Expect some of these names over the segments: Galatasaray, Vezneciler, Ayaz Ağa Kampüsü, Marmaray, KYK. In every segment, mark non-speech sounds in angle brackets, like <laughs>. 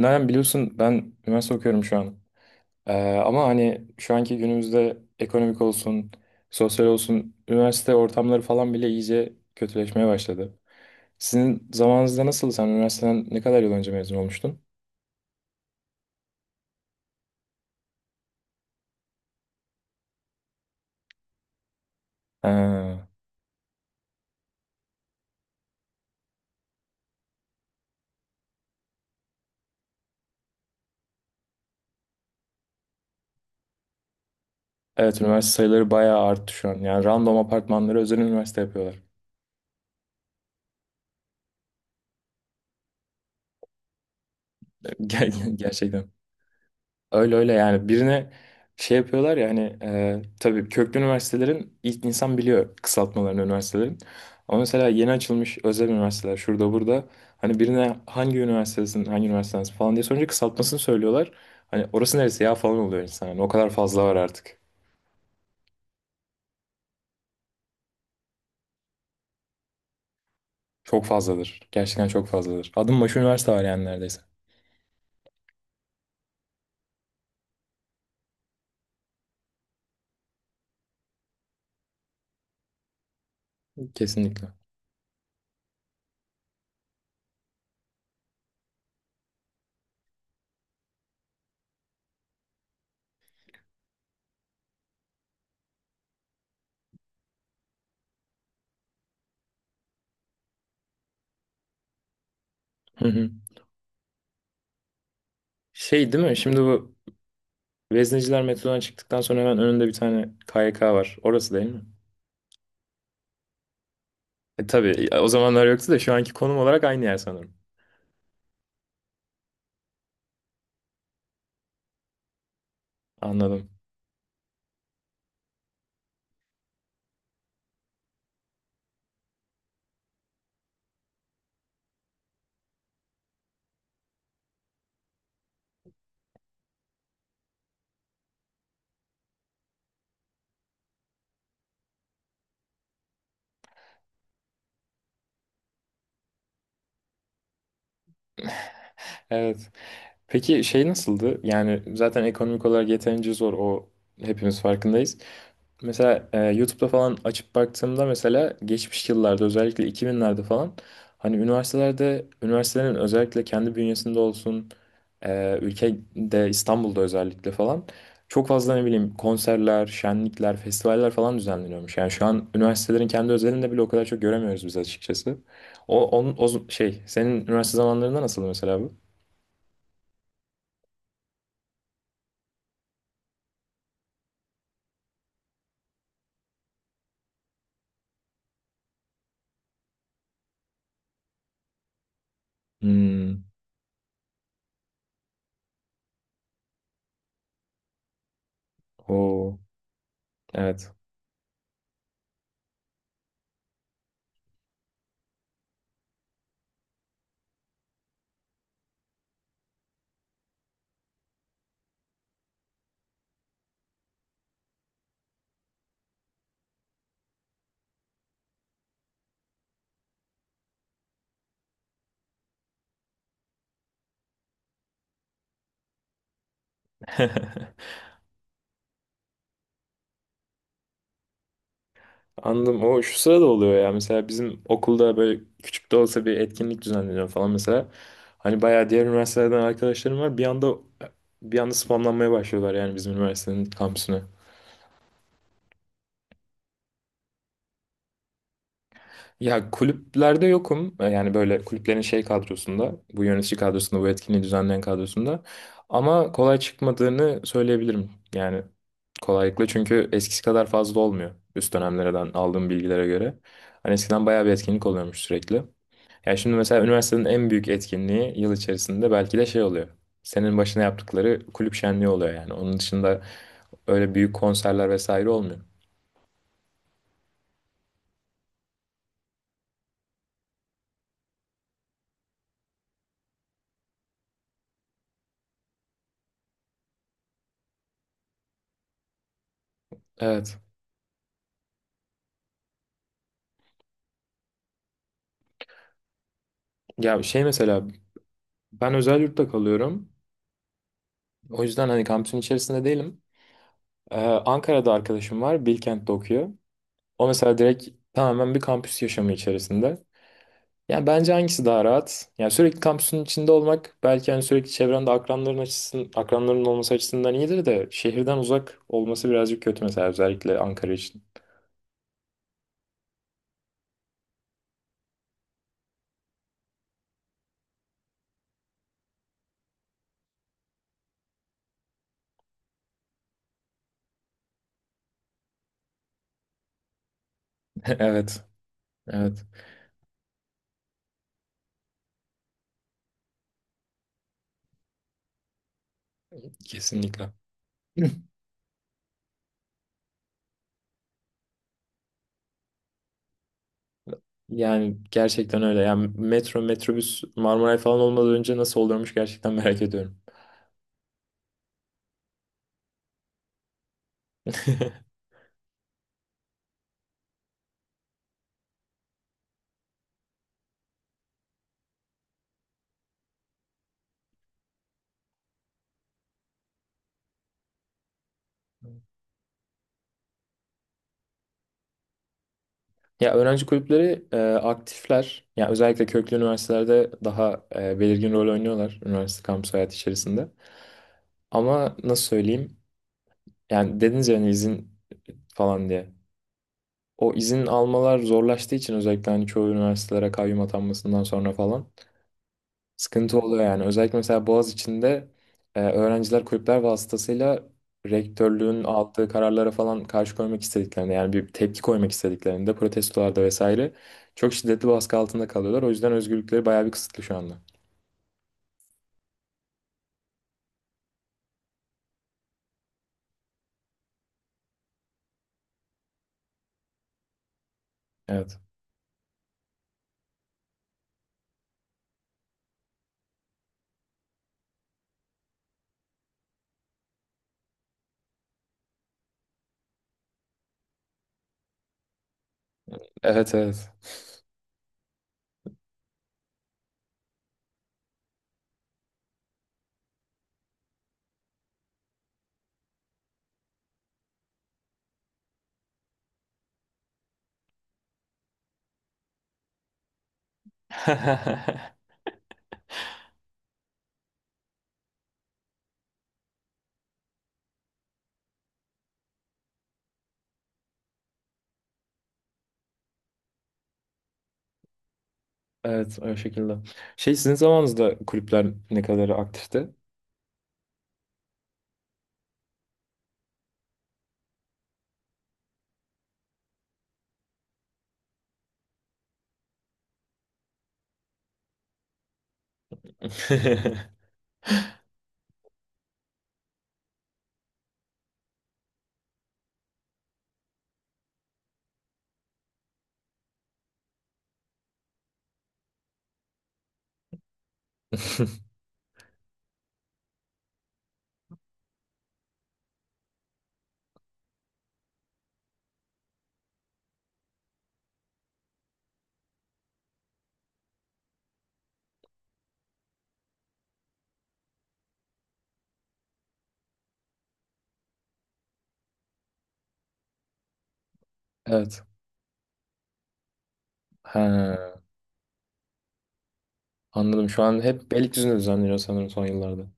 Nalan, biliyorsun ben üniversite okuyorum şu an. Ee, ama hani şu anki günümüzde ekonomik olsun, sosyal olsun, üniversite ortamları falan bile iyice kötüleşmeye başladı. Sizin zamanınızda nasıl? Sen üniversiteden ne kadar yıl önce mezun olmuştun? Ha, evet, üniversite sayıları bayağı arttı şu an. Yani random apartmanları özel üniversite yapıyorlar. <laughs> Gerçekten. Öyle öyle, yani birine şey yapıyorlar ya, hani tabii köklü üniversitelerin ilk insan biliyor kısaltmalarını üniversitelerin. Ama mesela yeni açılmış özel üniversiteler şurada burada hani birine hangi üniversitesin hangi üniversitesin falan diye sorunca kısaltmasını söylüyorlar. Hani orası neresi ya falan oluyor insan. Hani o kadar fazla var artık. Çok fazladır. Gerçekten çok fazladır. Adım başı üniversite var yani neredeyse. Kesinlikle. Hı hı. Şey değil mi? Şimdi bu Vezneciler metrodan çıktıktan sonra hemen önünde bir tane KYK var. Orası değil mi? E, tabii o zamanlar yoktu da şu anki konum olarak aynı yer sanırım. Anladım. Evet. Peki şey nasıldı? Yani zaten ekonomik olarak yeterince zor, o hepimiz farkındayız. Mesela YouTube'da falan açıp baktığımda mesela geçmiş yıllarda özellikle 2000'lerde falan hani üniversitelerde üniversitelerin özellikle kendi bünyesinde olsun, ülkede İstanbul'da özellikle falan çok fazla ne bileyim konserler, şenlikler, festivaller falan düzenleniyormuş. Yani şu an üniversitelerin kendi özelinde bile o kadar çok göremiyoruz biz açıkçası. O, onun, o z- şey senin üniversite zamanlarında nasıldı mesela bu? Hmm, o evet. <laughs> Anladım. O şu sırada oluyor ya. Mesela bizim okulda böyle küçük de olsa bir etkinlik düzenleniyor falan mesela. Hani bayağı diğer üniversitelerden arkadaşlarım var. Bir anda spamlanmaya başlıyorlar yani bizim üniversitenin kampüsüne. Ya kulüplerde yokum. Yani böyle kulüplerin şey kadrosunda, bu yönetici kadrosunda, bu etkinliği düzenleyen kadrosunda. Ama kolay çıkmadığını söyleyebilirim. Yani kolaylıkla çünkü eskisi kadar fazla olmuyor. Üst dönemlerden aldığım bilgilere göre. Hani eskiden bayağı bir etkinlik oluyormuş sürekli. Yani şimdi mesela üniversitenin en büyük etkinliği yıl içerisinde belki de şey oluyor. Senin başına yaptıkları kulüp şenliği oluyor yani. Onun dışında öyle büyük konserler vesaire olmuyor. Evet. Ya şey mesela ben özel yurtta kalıyorum. O yüzden hani kampüsün içerisinde değilim. Ankara'da arkadaşım var. Bilkent'te okuyor. O mesela direkt tamamen bir kampüs yaşamı içerisinde. Yani bence hangisi daha rahat? Yani sürekli kampüsün içinde olmak belki hani sürekli çevrende akranların açısın, akranların olması açısından iyidir de şehirden uzak olması birazcık kötü mesela özellikle Ankara için. <laughs> Evet, evet. Kesinlikle. <laughs> Yani gerçekten öyle. Yani metro, metrobüs, Marmaray falan olmadan önce nasıl oluyormuş gerçekten merak ediyorum. <laughs> Ya öğrenci kulüpleri aktifler. Ya özellikle köklü üniversitelerde daha belirgin rol oynuyorlar üniversite kampüs hayatı içerisinde. Ama nasıl söyleyeyim? Yani dediniz yani izin falan diye. O izin almalar zorlaştığı için özellikle hani çoğu üniversitelere kayyum atanmasından sonra falan sıkıntı oluyor yani. Özellikle mesela Boğaziçi'nde öğrenciler kulüpler vasıtasıyla rektörlüğün aldığı kararlara falan karşı koymak istediklerinde yani bir tepki koymak istediklerinde protestolarda vesaire çok şiddetli baskı altında kalıyorlar. O yüzden özgürlükleri bayağı bir kısıtlı şu anda. Evet. Evet, evet. <laughs> Evet, o şekilde. Şey sizin zamanınızda kulüpler ne kadar aktifti? <laughs> Evet. Ha, anladım. Şu an hep Beylikdüzü'nde düzenleniyor sanırım son yıllarda.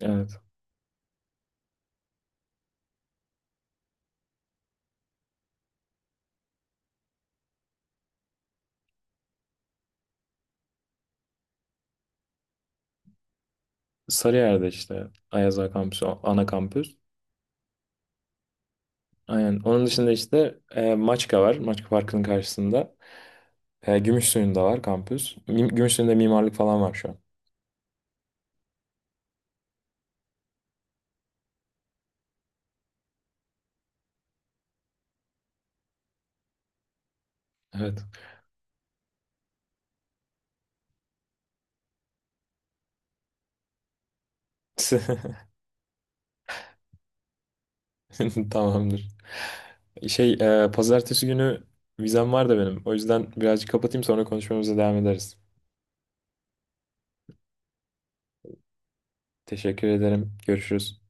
Evet. Sarıyer'de işte Ayaz Ağa Kampüsü, ana kampüs. Aynen. Onun dışında işte Maçka var. Maçka Parkı'nın karşısında. E, Gümüşsuyu'nda var kampüs. Gümüşsuyu'nda mimarlık falan var şu an. Evet. <laughs> Tamamdır. Şey, pazartesi günü vizem var da benim. O yüzden birazcık kapatayım, sonra konuşmamıza devam ederiz. Teşekkür ederim. Görüşürüz.